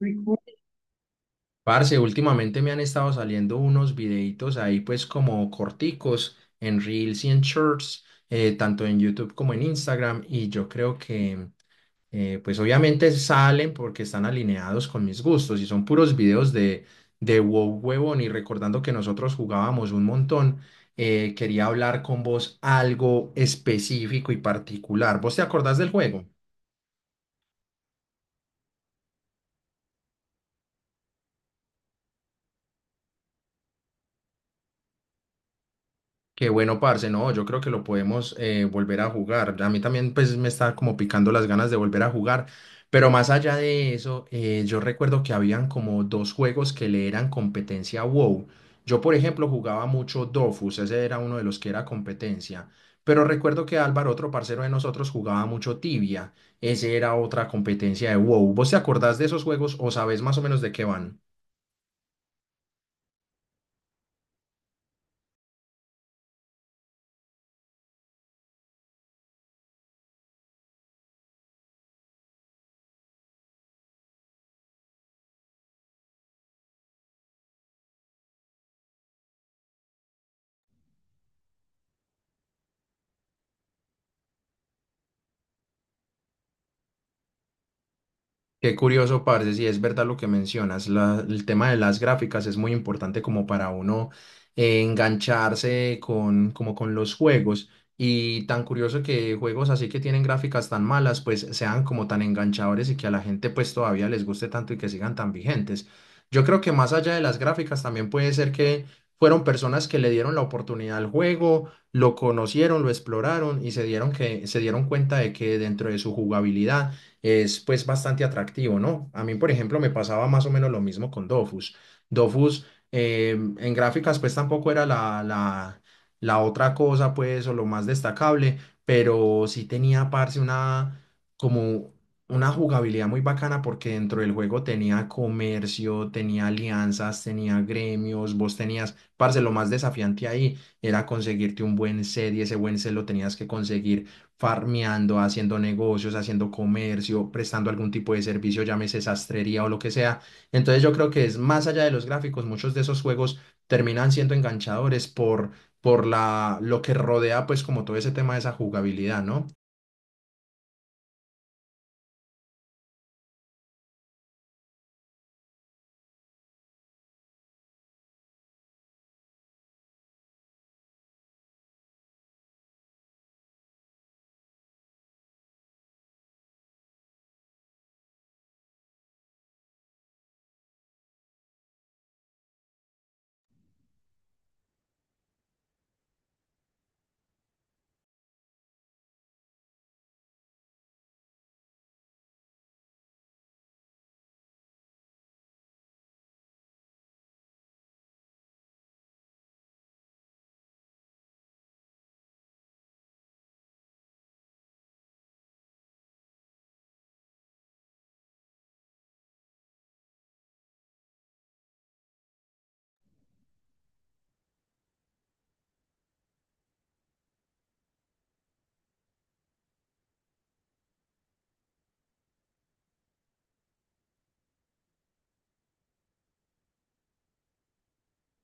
Recuerdo. Parce, últimamente me han estado saliendo unos videitos ahí pues como corticos en Reels y en Shorts, tanto en YouTube como en Instagram y yo creo que pues obviamente salen porque están alineados con mis gustos y son puros videos de WoW, huevón, y recordando que nosotros jugábamos un montón. Quería hablar con vos algo específico y particular. ¿Vos te acordás del juego? Qué bueno, parce, no, yo creo que lo podemos volver a jugar. A mí también pues me está como picando las ganas de volver a jugar, pero más allá de eso, yo recuerdo que habían como dos juegos que le eran competencia a WoW. Yo, por ejemplo, jugaba mucho Dofus, ese era uno de los que era competencia, pero recuerdo que Álvaro, otro parcero de nosotros, jugaba mucho Tibia, ese era otra competencia de WoW. ¿Vos te acordás de esos juegos o sabés más o menos de qué van? Qué curioso, parce, si es verdad lo que mencionas. El tema de las gráficas es muy importante como para uno engancharse con, como con los juegos. Y tan curioso que juegos así que tienen gráficas tan malas, pues sean como tan enganchadores y que a la gente pues todavía les guste tanto y que sigan tan vigentes. Yo creo que más allá de las gráficas también puede ser que fueron personas que le dieron la oportunidad al juego, lo conocieron, lo exploraron y se dieron cuenta de que dentro de su jugabilidad es pues bastante atractivo, ¿no? A mí, por ejemplo, me pasaba más o menos lo mismo con Dofus. Dofus en gráficas pues tampoco era la otra cosa pues o lo más destacable, pero sí tenía, parce, una como una jugabilidad muy bacana porque dentro del juego tenía comercio, tenía alianzas, tenía gremios, vos tenías, parce, lo más desafiante ahí era conseguirte un buen set y ese buen set lo tenías que conseguir farmeando, haciendo negocios, haciendo comercio, prestando algún tipo de servicio, llámese sastrería o lo que sea. Entonces yo creo que es más allá de los gráficos, muchos de esos juegos terminan siendo enganchadores por lo que rodea pues como todo ese tema de esa jugabilidad, ¿no?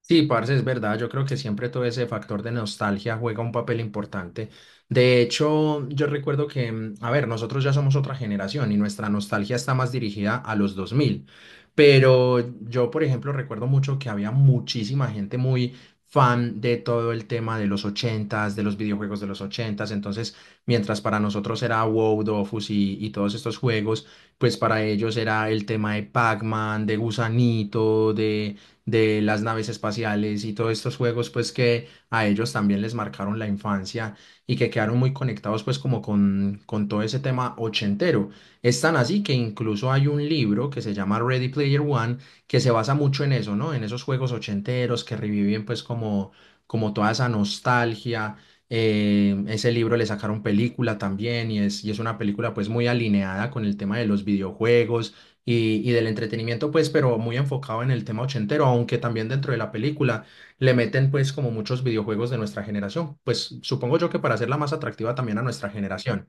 Sí, parce, es verdad. Yo creo que siempre todo ese factor de nostalgia juega un papel importante. De hecho, yo recuerdo que, a ver, nosotros ya somos otra generación y nuestra nostalgia está más dirigida a los 2000. Pero yo, por ejemplo, recuerdo mucho que había muchísima gente muy fan de todo el tema de los 80s, de los videojuegos de los 80s. Entonces, mientras para nosotros era WoW, Dofus y todos estos juegos, pues para ellos era el tema de Pac-Man, de Gusanito, de las naves espaciales y todos estos juegos pues que a ellos también les marcaron la infancia y que quedaron muy conectados pues como con todo ese tema ochentero. Es tan así que incluso hay un libro que se llama Ready Player One que se basa mucho en eso, ¿no? En esos juegos ochenteros que reviven pues como, como toda esa nostalgia. Ese libro le sacaron película también y y es una película pues muy alineada con el tema de los videojuegos y del entretenimiento, pues, pero muy enfocado en el tema ochentero, aunque también dentro de la película le meten, pues, como muchos videojuegos de nuestra generación, pues, supongo yo que para hacerla más atractiva también a nuestra generación.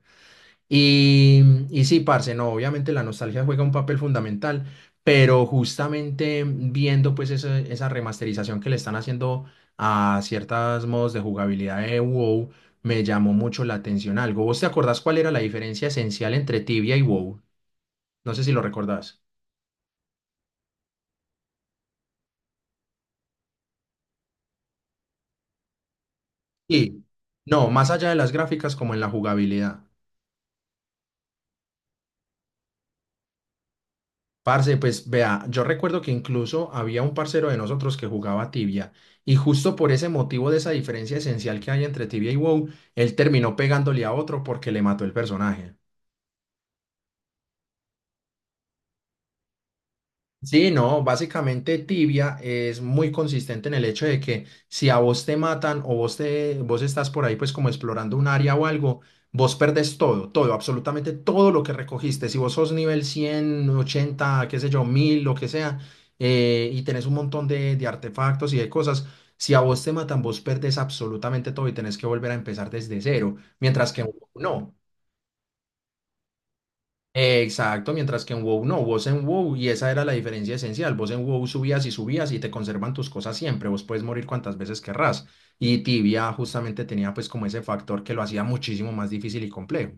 Y sí, parce, no, obviamente la nostalgia juega un papel fundamental, pero justamente viendo, pues, esa remasterización que le están haciendo a ciertos modos de jugabilidad de WoW, me llamó mucho la atención algo. ¿Vos te acordás cuál era la diferencia esencial entre Tibia y WoW? No sé si lo recordás. Sí, no, más allá de las gráficas como en la jugabilidad. Parce, pues vea, yo recuerdo que incluso había un parcero de nosotros que jugaba Tibia y justo por ese motivo de esa diferencia esencial que hay entre Tibia y WoW, él terminó pegándole a otro porque le mató el personaje. Sí, no, básicamente Tibia es muy consistente en el hecho de que si a vos te matan o vos estás por ahí pues como explorando un área o algo, vos perdés todo, todo, absolutamente todo lo que recogiste. Si vos sos nivel 100, 80, qué sé yo, 1000, lo que sea, y tenés un montón de artefactos y de cosas, si a vos te matan, vos perdés absolutamente todo y tenés que volver a empezar desde cero, mientras que no. Exacto, mientras que en WoW no, vos en WoW, y esa era la diferencia esencial, vos en WoW subías y subías y te conservan tus cosas siempre, vos puedes morir cuantas veces querrás. Y Tibia justamente tenía pues como ese factor que lo hacía muchísimo más difícil y complejo.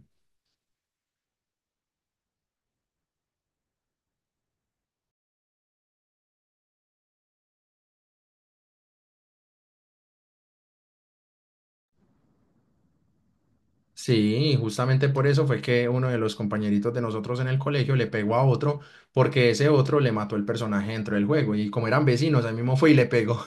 Sí, justamente por eso fue que uno de los compañeritos de nosotros en el colegio le pegó a otro porque ese otro le mató el personaje dentro del juego y como eran vecinos, ahí mismo fue y le pegó.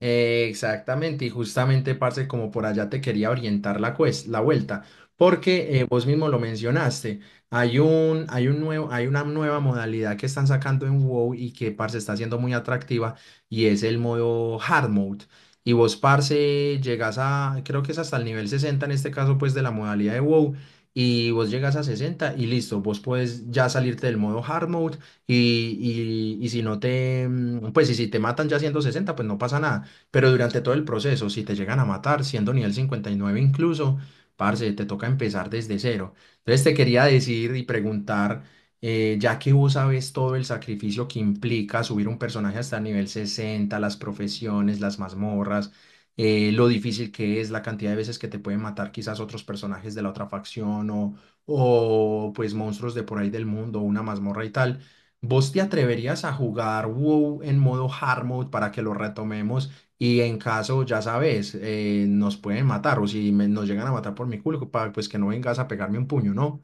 Exactamente, y justamente, parce, como por allá te quería orientar la vuelta, porque vos mismo lo mencionaste, hay una nueva modalidad que están sacando en WoW y que, parce, está siendo muy atractiva y es el modo Hard Mode. Y vos, parce, llegas a, creo que es hasta el nivel 60 en este caso, pues, de la modalidad de WoW, y vos llegas a 60 y listo, vos puedes ya salirte del modo Hard Mode y, y si no te, pues, y si te matan ya siendo 60 pues no pasa nada, pero durante todo el proceso, si te llegan a matar, siendo nivel 59 incluso, parce, te toca empezar desde cero. Entonces te quería decir y preguntar, ya que vos sabes todo el sacrificio que implica subir un personaje hasta nivel 60, las profesiones, las mazmorras, lo difícil que es, la cantidad de veces que te pueden matar quizás otros personajes de la otra facción o pues monstruos de por ahí del mundo, una mazmorra y tal. ¿Vos te atreverías a jugar WoW en modo hard mode para que lo retomemos? Y en caso, ya sabes, nos pueden matar o si me- nos llegan a matar por mi culpa, pues que no vengas a pegarme un puño, ¿no?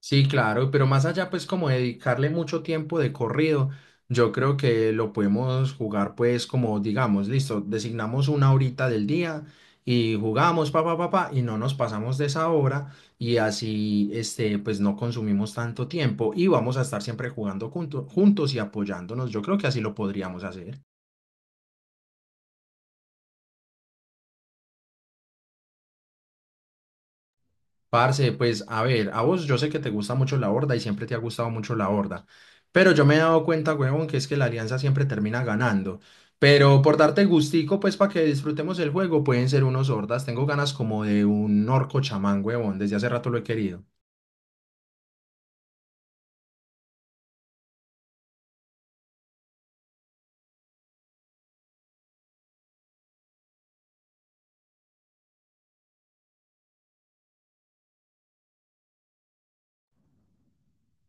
Sí, claro, pero más allá, pues como dedicarle mucho tiempo de corrido, yo creo que lo podemos jugar, pues como digamos, listo, designamos una horita del día y jugamos, pa, pa, pa, pa, y no nos pasamos de esa hora y así, este, pues no consumimos tanto tiempo y vamos a estar siempre jugando juntos y apoyándonos. Yo creo que así lo podríamos hacer. Parce, pues a ver, a vos yo sé que te gusta mucho la Horda y siempre te ha gustado mucho la Horda, pero yo me he dado cuenta, huevón, que es que la Alianza siempre termina ganando. Pero por darte gustico, pues para que disfrutemos el juego, pueden ser unos Hordas. Tengo ganas como de un orco chamán, huevón, desde hace rato lo he querido.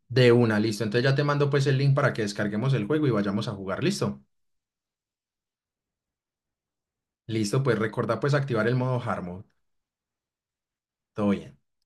De una, listo. Entonces ya te mando pues el link para que descarguemos el juego y vayamos a jugar, listo. Listo, pues recuerda pues activar el modo hard mode. Todo bien.